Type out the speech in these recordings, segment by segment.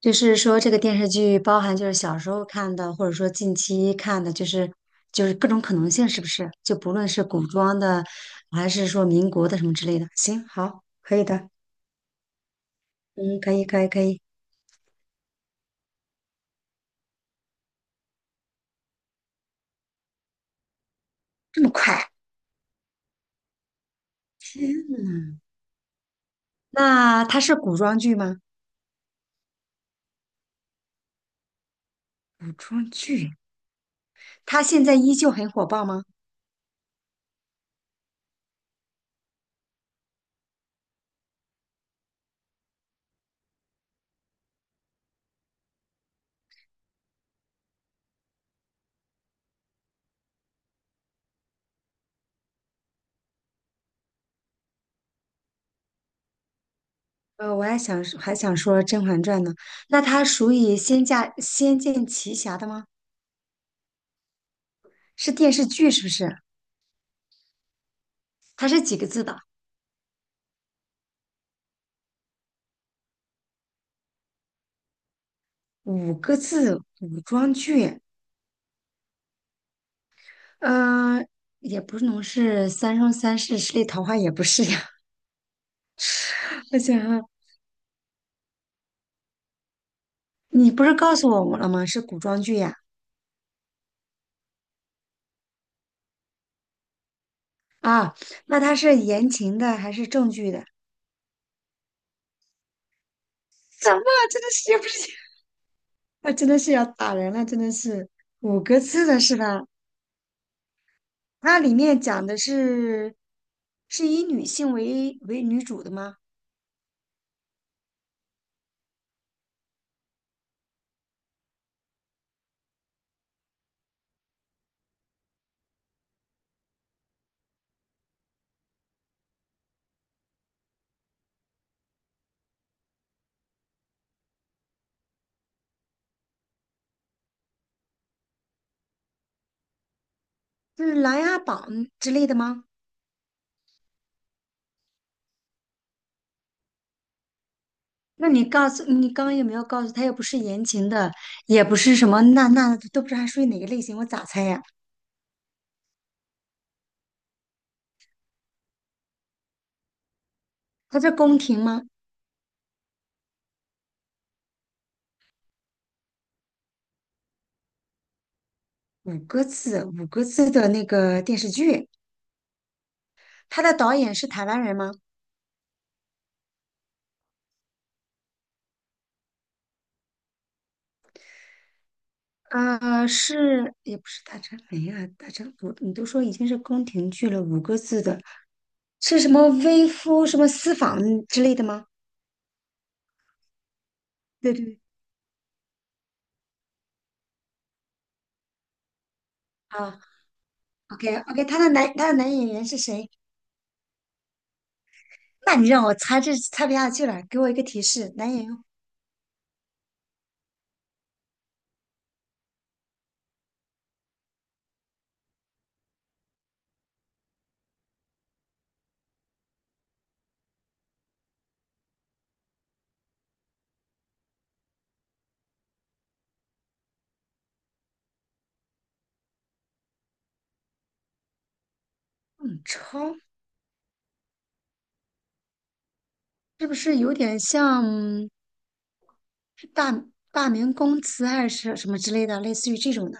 就是说，这个电视剧包含就是小时候看的，或者说近期看的，就是各种可能性，是不是？就不论是古装的，还是说民国的什么之类的。行，好，可以的，嗯，可以，可以，可以。这么快？那它是古装剧吗？古装剧，它现在依旧很火爆吗？我还想说《甄嬛传》呢。那它属于仙家《仙剑奇侠》的吗？是电视剧是不是？它是几个字的？五个字，古装剧。呃，也不能是三生三世十里桃花，也不是呀。我想啊，你不是告诉我们了吗？是古装剧呀。啊，那它是言情的还是正剧的？什么？真的是也不是，啊，真的是要打人了，真的是五个字的是吧？它里面讲的是是以女性为女主的吗？是《琅琊榜》之类的吗？那你告诉你刚刚有没有告诉他又不是言情的，也不是什么那都不知道它属于哪个类型，我咋猜呀？他在宫廷吗？五个字的那个电视剧，他的导演是台湾人吗？呃，是，也不是大张伟呀，大张，我你都说已经是宫廷剧了，五个字的是什么微夫什么私访之类的吗？对对对，啊，OK OK，他的男他的男演员是谁？那你让我猜这猜不下去了，给我一个提示，男演员邓超是不是有点像是大明宫词还是什么之类的，类似于这种的？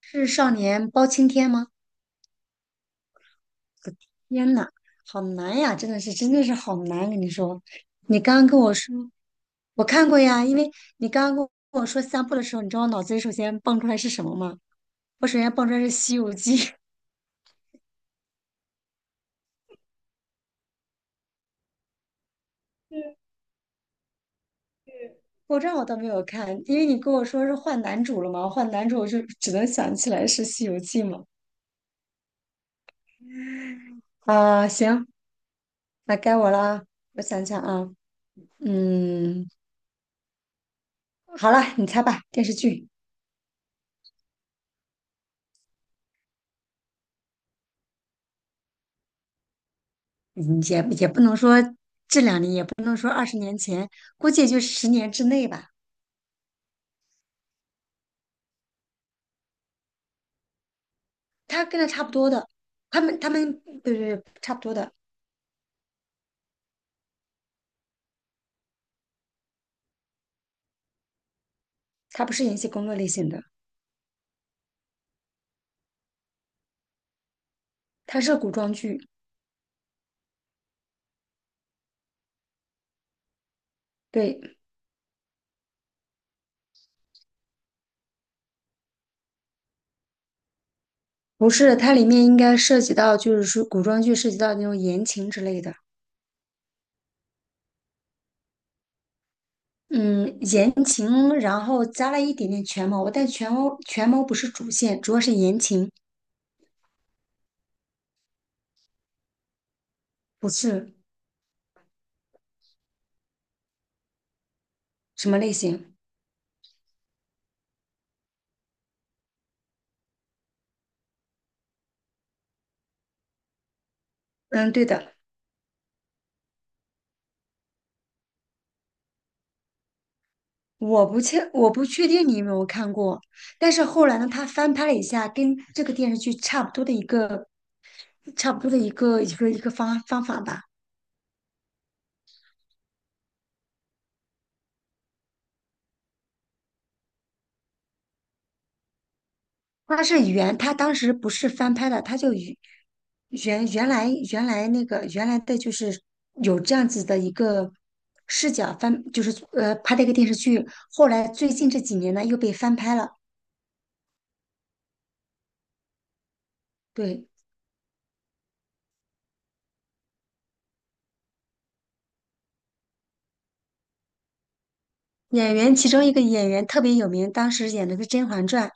是少年包青天吗？天呐，好难呀！真的是，真的是好难。跟你说，你刚刚跟我说，我看过呀。因为你刚刚跟我说三部的时候，你知道我脑子里首先蹦出来是什么吗？我首先蹦出来是《西游记》，我这我倒没有看，因为你跟我说是换男主了嘛，换男主我就只能想起来是《西游记》嘛。啊、行，那该我了。我想想啊，嗯，好了，你猜吧，电视剧，嗯也也不能说这两年也。不。年前，估计也就十年之内吧。他跟他差不多的，他们对对对，差不多的。他不是演戏工作类型的，他是古装剧，对，不是，它里面应该涉及到就是说古装剧涉及到那种言情之类的，嗯，言情，然后加了一点点权谋，但权谋不是主线，主要是言情，不是什么类型。嗯，对的，我不确定你有没有看过。但是后来呢，他翻拍了一下，跟这个电视剧差不多的一个差不多的一个一个方法吧。它是原，它当时不是翻拍的，它就原原来那个原来的就是有这样子的一个视角翻，就是拍的一个电视剧。后来最近这几年呢又被翻拍了。对，演员其中一个演员特别有名，当时演的是《甄嬛传》。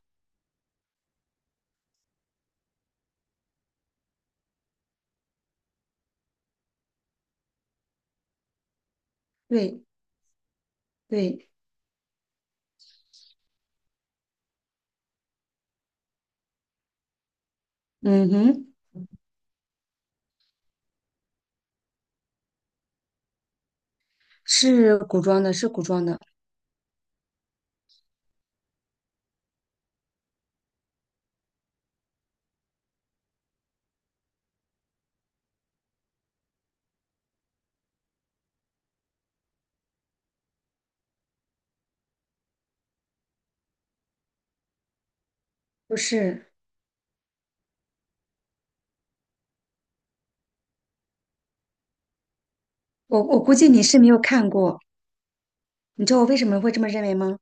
对对，嗯哼，是古装的，是古装的，不是我估计你是没有看过。你知道我为什么会这么认为吗？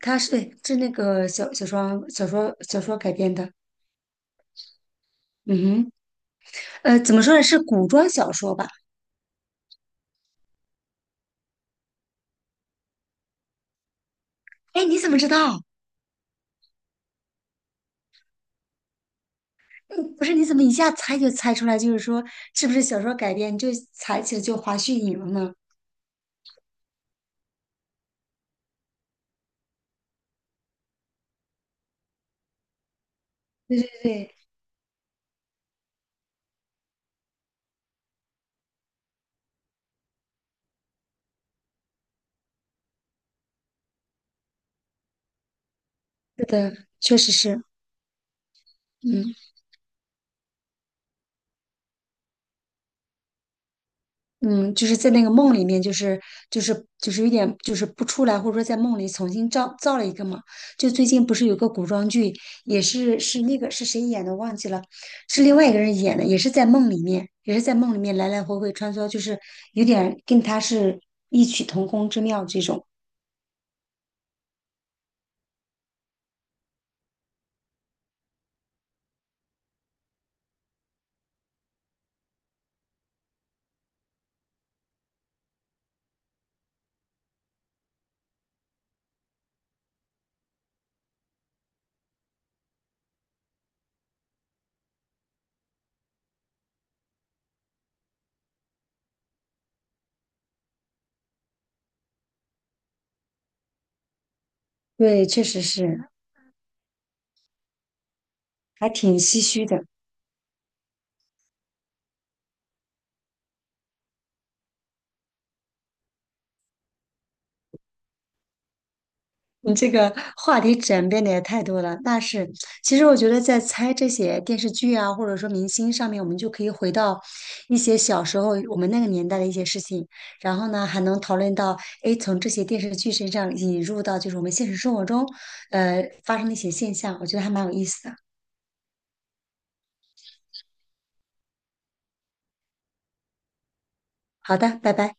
他是对，是那个小说小说改编的。嗯哼，呃，怎么说呢？是古装小说吧？哎，你怎么知道？嗯不是，你怎么一下猜就猜出来？就是说，是不是小说改编？你就猜起来就华胥引了呢？对对对，是的，确实是。嗯。嗯，就是在那个梦里面，就是就是有点就是不出来，或者说在梦里重新造了一个嘛。就最近不是有个古装剧，也是那个是谁演的忘记了，是另外一个人演的，也是在梦里面，也是在梦里面来来回回穿梭，就是有点跟他是异曲同工之妙这种。对，确实是，还挺唏嘘的。你这个话题转变的也太多了，那是。其实我觉得，在猜这些电视剧啊，或者说明星上面，我们就可以回到一些小时候我们那个年代的一些事情，然后呢，还能讨论到，诶，从这些电视剧身上引入到就是我们现实生活中，呃，发生的一些现象，我觉得还蛮有意思的。好的，拜拜。